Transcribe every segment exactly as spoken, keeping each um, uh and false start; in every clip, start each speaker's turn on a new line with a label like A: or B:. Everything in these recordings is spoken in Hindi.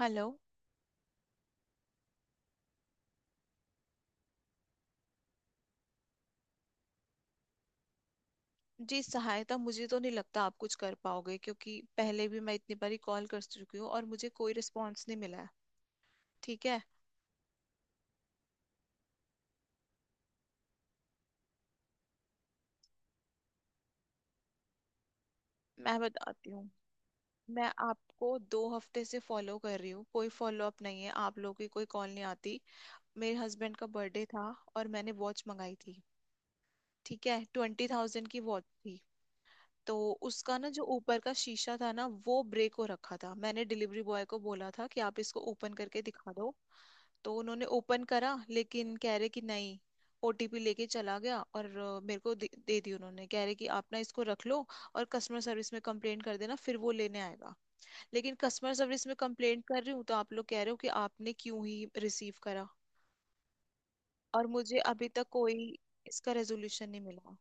A: हेलो। जी, सहायता मुझे तो नहीं लगता आप कुछ कर पाओगे, क्योंकि पहले भी मैं इतनी बारी कॉल कर चुकी हूँ और मुझे कोई रिस्पांस नहीं मिला है। ठीक है, मैं बताती हूँ। मैं आपको दो हफ्ते से फॉलो कर रही हूँ, कोई फॉलो अप नहीं है, आप लोगों की कोई कॉल नहीं आती। मेरे हस्बैंड का बर्थडे था और मैंने वॉच मंगाई थी। ठीक है, ट्वेंटी थाउजेंड की वॉच थी। तो उसका ना जो ऊपर का शीशा था ना, वो ब्रेक हो रखा था। मैंने डिलीवरी बॉय को बोला था कि आप इसको ओपन करके दिखा दो। तो उन्होंने ओपन करा, लेकिन कह रहे कि नहीं। ओ टी पी लेके चला गया और अ, मेरे को दे, दे दी उन्होंने। कह रहे कि आप ना इसको रख लो और कस्टमर सर्विस में कंप्लेंट कर देना, फिर वो लेने आएगा। लेकिन कस्टमर सर्विस में कंप्लेंट कर रही हूँ तो आप लोग कह रहे हो कि आपने क्यों ही रिसीव करा। और मुझे अभी तक कोई इसका रेजोल्यूशन नहीं मिला।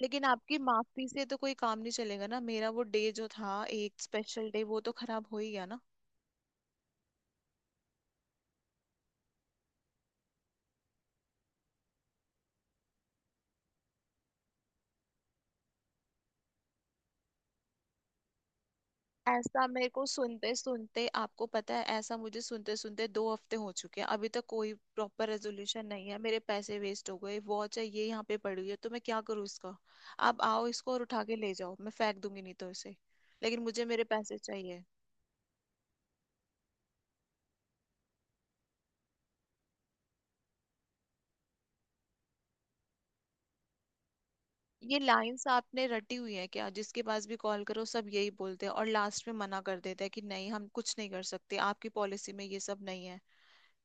A: लेकिन आपकी माफी से तो कोई काम नहीं चलेगा ना। मेरा वो डे जो था, एक स्पेशल डे, वो तो खराब हो ही गया ना। ऐसा मेरे को सुनते सुनते, आपको पता है, ऐसा मुझे सुनते सुनते दो हफ्ते हो चुके हैं। अभी तक कोई प्रॉपर रेजोल्यूशन नहीं है। मेरे पैसे वेस्ट हो गए। वॉच है ये, यहाँ पे पड़ी हुई है। तो मैं क्या करूँ इसका? आप आओ इसको और उठा के ले जाओ, मैं फेंक दूंगी नहीं तो इसे। लेकिन मुझे मेरे पैसे चाहिए। ये लाइंस आपने रटी हुई है क्या? जिसके पास भी कॉल करो सब यही बोलते हैं और लास्ट में मना कर देते हैं कि नहीं हम कुछ नहीं कर सकते, आपकी पॉलिसी में ये सब नहीं है।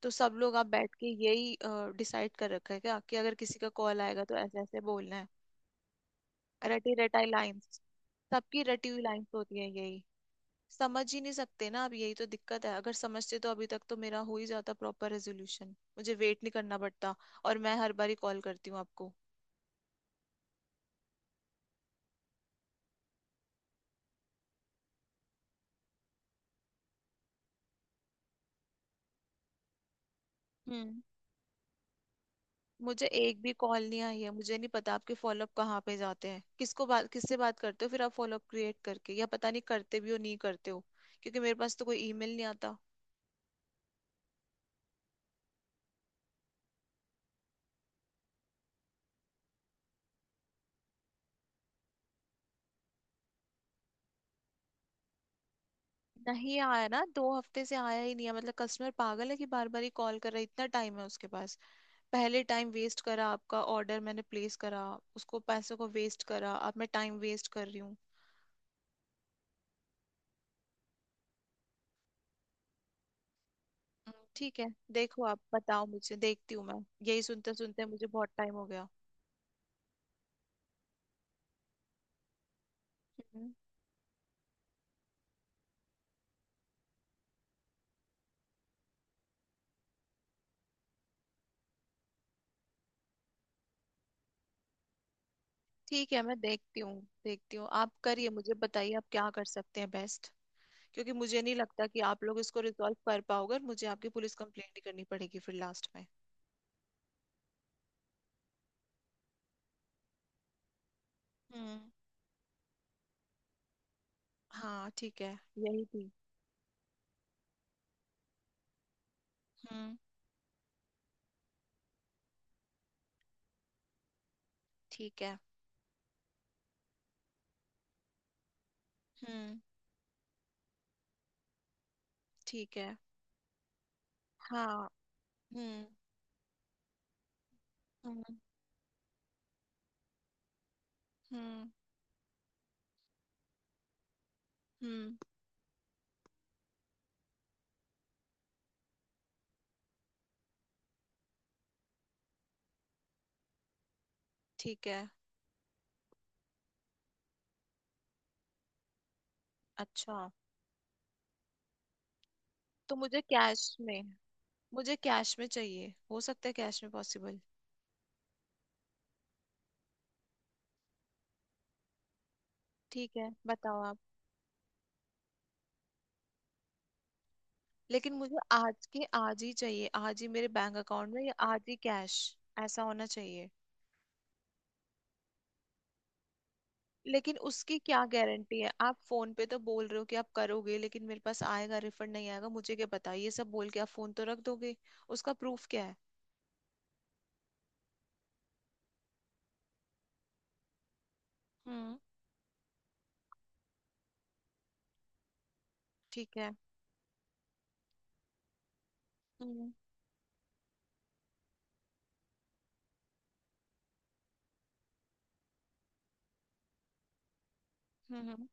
A: तो सब लोग आप बैठ के यही डिसाइड कर रखा है क्या, कि अगर किसी का कॉल आएगा तो ऐसे ऐसे बोलना है? रटी रटाई लाइंस। सबकी रटी हुई लाइंस होती है यही। समझ ही नहीं सकते ना, अब यही तो दिक्कत है। अगर समझते तो अभी तक तो मेरा हो ही जाता प्रॉपर रेजोल्यूशन, मुझे वेट नहीं करना पड़ता। और मैं हर बारी कॉल करती हूँ आपको। हम्म। मुझे एक भी कॉल नहीं आई है। मुझे नहीं पता आपके फॉलोअप कहाँ पे जाते हैं, किसको बात किससे बात करते हो फिर आप, फॉलोअप क्रिएट करके या पता नहीं करते भी हो नहीं करते हो। क्योंकि मेरे पास तो कोई ईमेल नहीं आता। नहीं आया ना, दो हफ्ते से आया ही नहीं है। मतलब कस्टमर पागल है कि बार बार ही कॉल कर रहा है, इतना टाइम है उसके पास। पहले टाइम वेस्ट करा, आपका ऑर्डर मैंने प्लेस करा, उसको पैसों को वेस्ट करा, अब मैं टाइम वेस्ट कर रही हूँ। हम्म, ठीक है, देखो आप बताओ, मुझे देखती हूँ मैं। यही सुनते सुनते मुझे बहुत टाइम हो गया। हम्म। ठीक है, मैं देखती हूँ। देखती हूँ, आप करिए, मुझे बताइए आप क्या कर सकते हैं बेस्ट। क्योंकि मुझे नहीं लगता कि आप लोग इसको रिजॉल्व कर पाओगे और मुझे आपकी पुलिस कंप्लेंट ही करनी पड़ेगी फिर लास्ट में। हम्म। हाँ, ठीक है। यही थी। हम्म। ठीक है। हम्म। ठीक है। हाँ। हम्म। हम्म। हम्म। हम्म। ठीक है। अच्छा। तो मुझे कैश में, मुझे कैश में चाहिए। हो सकता है कैश में पॉसिबल? ठीक है, बताओ आप। लेकिन मुझे आज के आज ही चाहिए, आज ही मेरे बैंक अकाउंट में या आज ही कैश। ऐसा होना चाहिए। लेकिन उसकी क्या गारंटी है? आप फोन पे तो बोल रहे हो कि आप करोगे, लेकिन मेरे पास आएगा रिफंड नहीं आएगा मुझे क्या पता, ये सब बोल के आप फोन तो रख दोगे। उसका प्रूफ क्या है? हम्म। ठीक है। हम्म। हम्म। हम्म।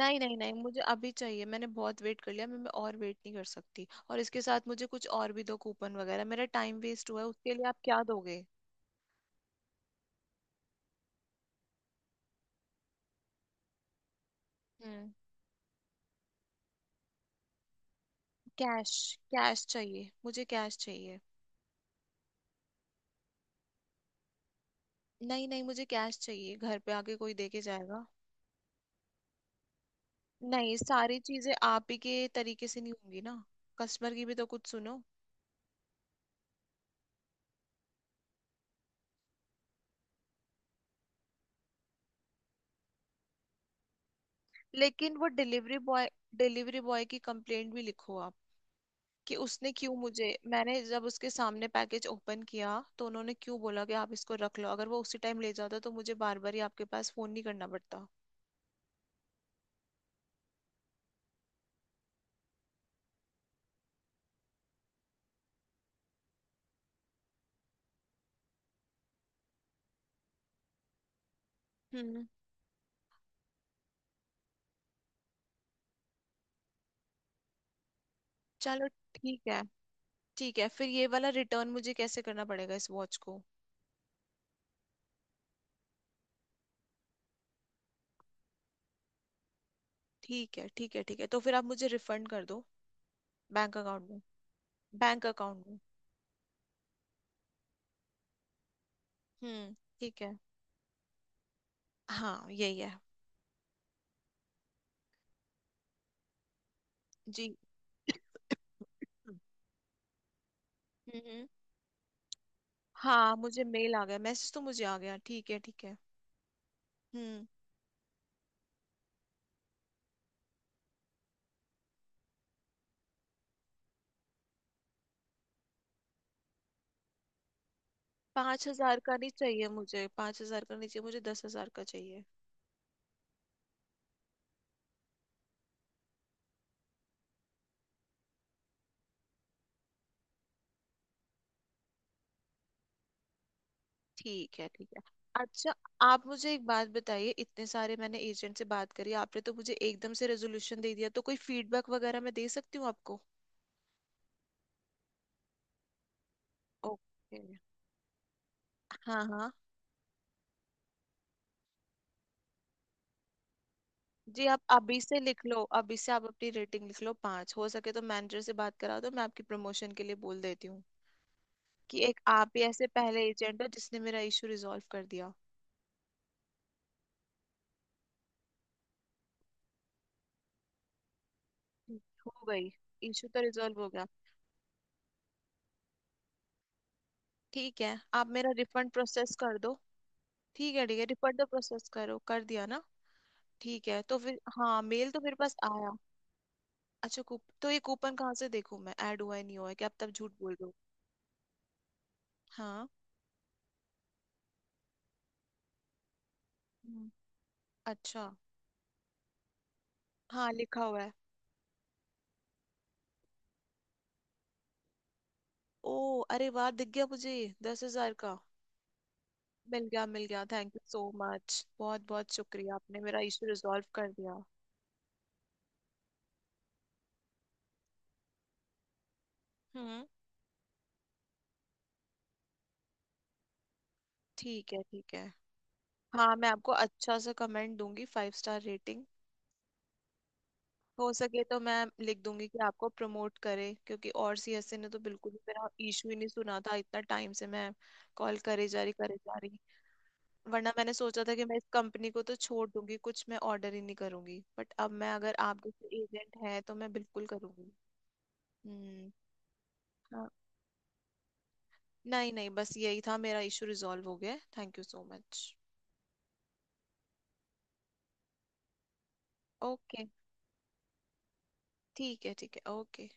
A: नहीं नहीं नहीं, मुझे अभी चाहिए। मैंने बहुत वेट कर लिया, मैं, मैं और वेट नहीं कर सकती। और इसके साथ मुझे कुछ और भी दो, कूपन वगैरह, मेरा टाइम वेस्ट हुआ है उसके लिए आप क्या दोगे? हम्म। कैश, कैश चाहिए, मुझे कैश चाहिए। नहीं नहीं, मुझे कैश चाहिए, घर पे आके कोई दे के जाएगा। नहीं, सारी चीजें आप ही के तरीके से नहीं होंगी ना, कस्टमर की भी तो कुछ सुनो। लेकिन वो डिलीवरी बॉय, डिलीवरी बॉय की कंप्लेंट भी लिखो आप कि उसने क्यों मुझे। मैंने जब उसके सामने पैकेज ओपन किया तो उन्होंने क्यों बोला कि आप इसको रख लो? अगर वो उसी टाइम ले जाता तो मुझे बार बार ही आपके पास फोन नहीं करना पड़ता। हम्म। चलो, ठीक है। ठीक है, फिर ये वाला रिटर्न मुझे कैसे करना पड़ेगा, इस वॉच को? ठीक है, ठीक है, ठीक है, तो फिर आप मुझे रिफंड कर दो, बैंक अकाउंट में। बैंक अकाउंट में। हम्म। ठीक है, हाँ यही है। जी। हम्म। हम्म। हाँ मुझे मेल आ गया, मैसेज तो मुझे आ गया, ठीक है, ठीक है। हम्म। पाँच हजार का नहीं चाहिए मुझे, पाँच हजार का नहीं चाहिए मुझे, दस हजार का चाहिए। ठीक है, ठीक है। अच्छा, आप मुझे एक बात बताइए, इतने सारे मैंने एजेंट से बात करी, आपने तो मुझे एकदम से रेजोल्यूशन दे दिया। तो कोई फीडबैक वगैरह मैं दे सकती हूँ आपको? ओके। हाँ हाँ। जी, आप अभी से लिख लो, अभी से आप अपनी रेटिंग लिख लो पाँच, हो सके तो मैनेजर से बात करा दो, मैं आपकी प्रमोशन के लिए बोल देती हूँ कि एक आप ही ऐसे पहले एजेंट हो जिसने मेरा इशू रिजॉल्व कर दिया। हो गई, इशू तो रिजॉल्व हो गया। ठीक है, आप मेरा रिफंड प्रोसेस कर दो। ठीक है, ठीक है, रिफंड तो प्रोसेस करो, कर दिया ना? ठीक है, तो फिर हाँ, मेल तो मेरे पास आया। अच्छा, कूप तो, ये कूपन कहाँ से देखूं मैं? ऐड हुआ है नहीं हुआ है कि आप तब झूठ बोल रहे हो? हाँ। हम्म, अच्छा। हाँ, लिखा हुआ है। ओ अरे वाह, दिख गया मुझे, दस हजार का, मिल गया, मिल गया, थैंक यू सो मच, बहुत बहुत शुक्रिया, आपने मेरा इशू रिजॉल्व कर दिया। हम्म। ठीक है, ठीक है। हाँ, मैं आपको अच्छा सा कमेंट दूंगी, फाइव स्टार रेटिंग। हो सके तो मैं लिख दूंगी कि आपको प्रमोट करे, क्योंकि और सी एस सी ने तो बिल्कुल भी मेरा इशू ही नहीं सुना था, इतना टाइम से मैं कॉल करे जा रही, करे जा रही। वरना मैंने सोचा था कि मैं इस कंपनी को तो छोड़ दूंगी, कुछ मैं ऑर्डर ही नहीं करूंगी, बट अब मैं, अगर आप जैसे एजेंट है तो मैं बिल्कुल करूंगी। हम्म। हाँ, नहीं नहीं, बस यही था, मेरा इशू रिजॉल्व हो गया, thank you so much. Okay, ठीक है, ठीक है, ओके।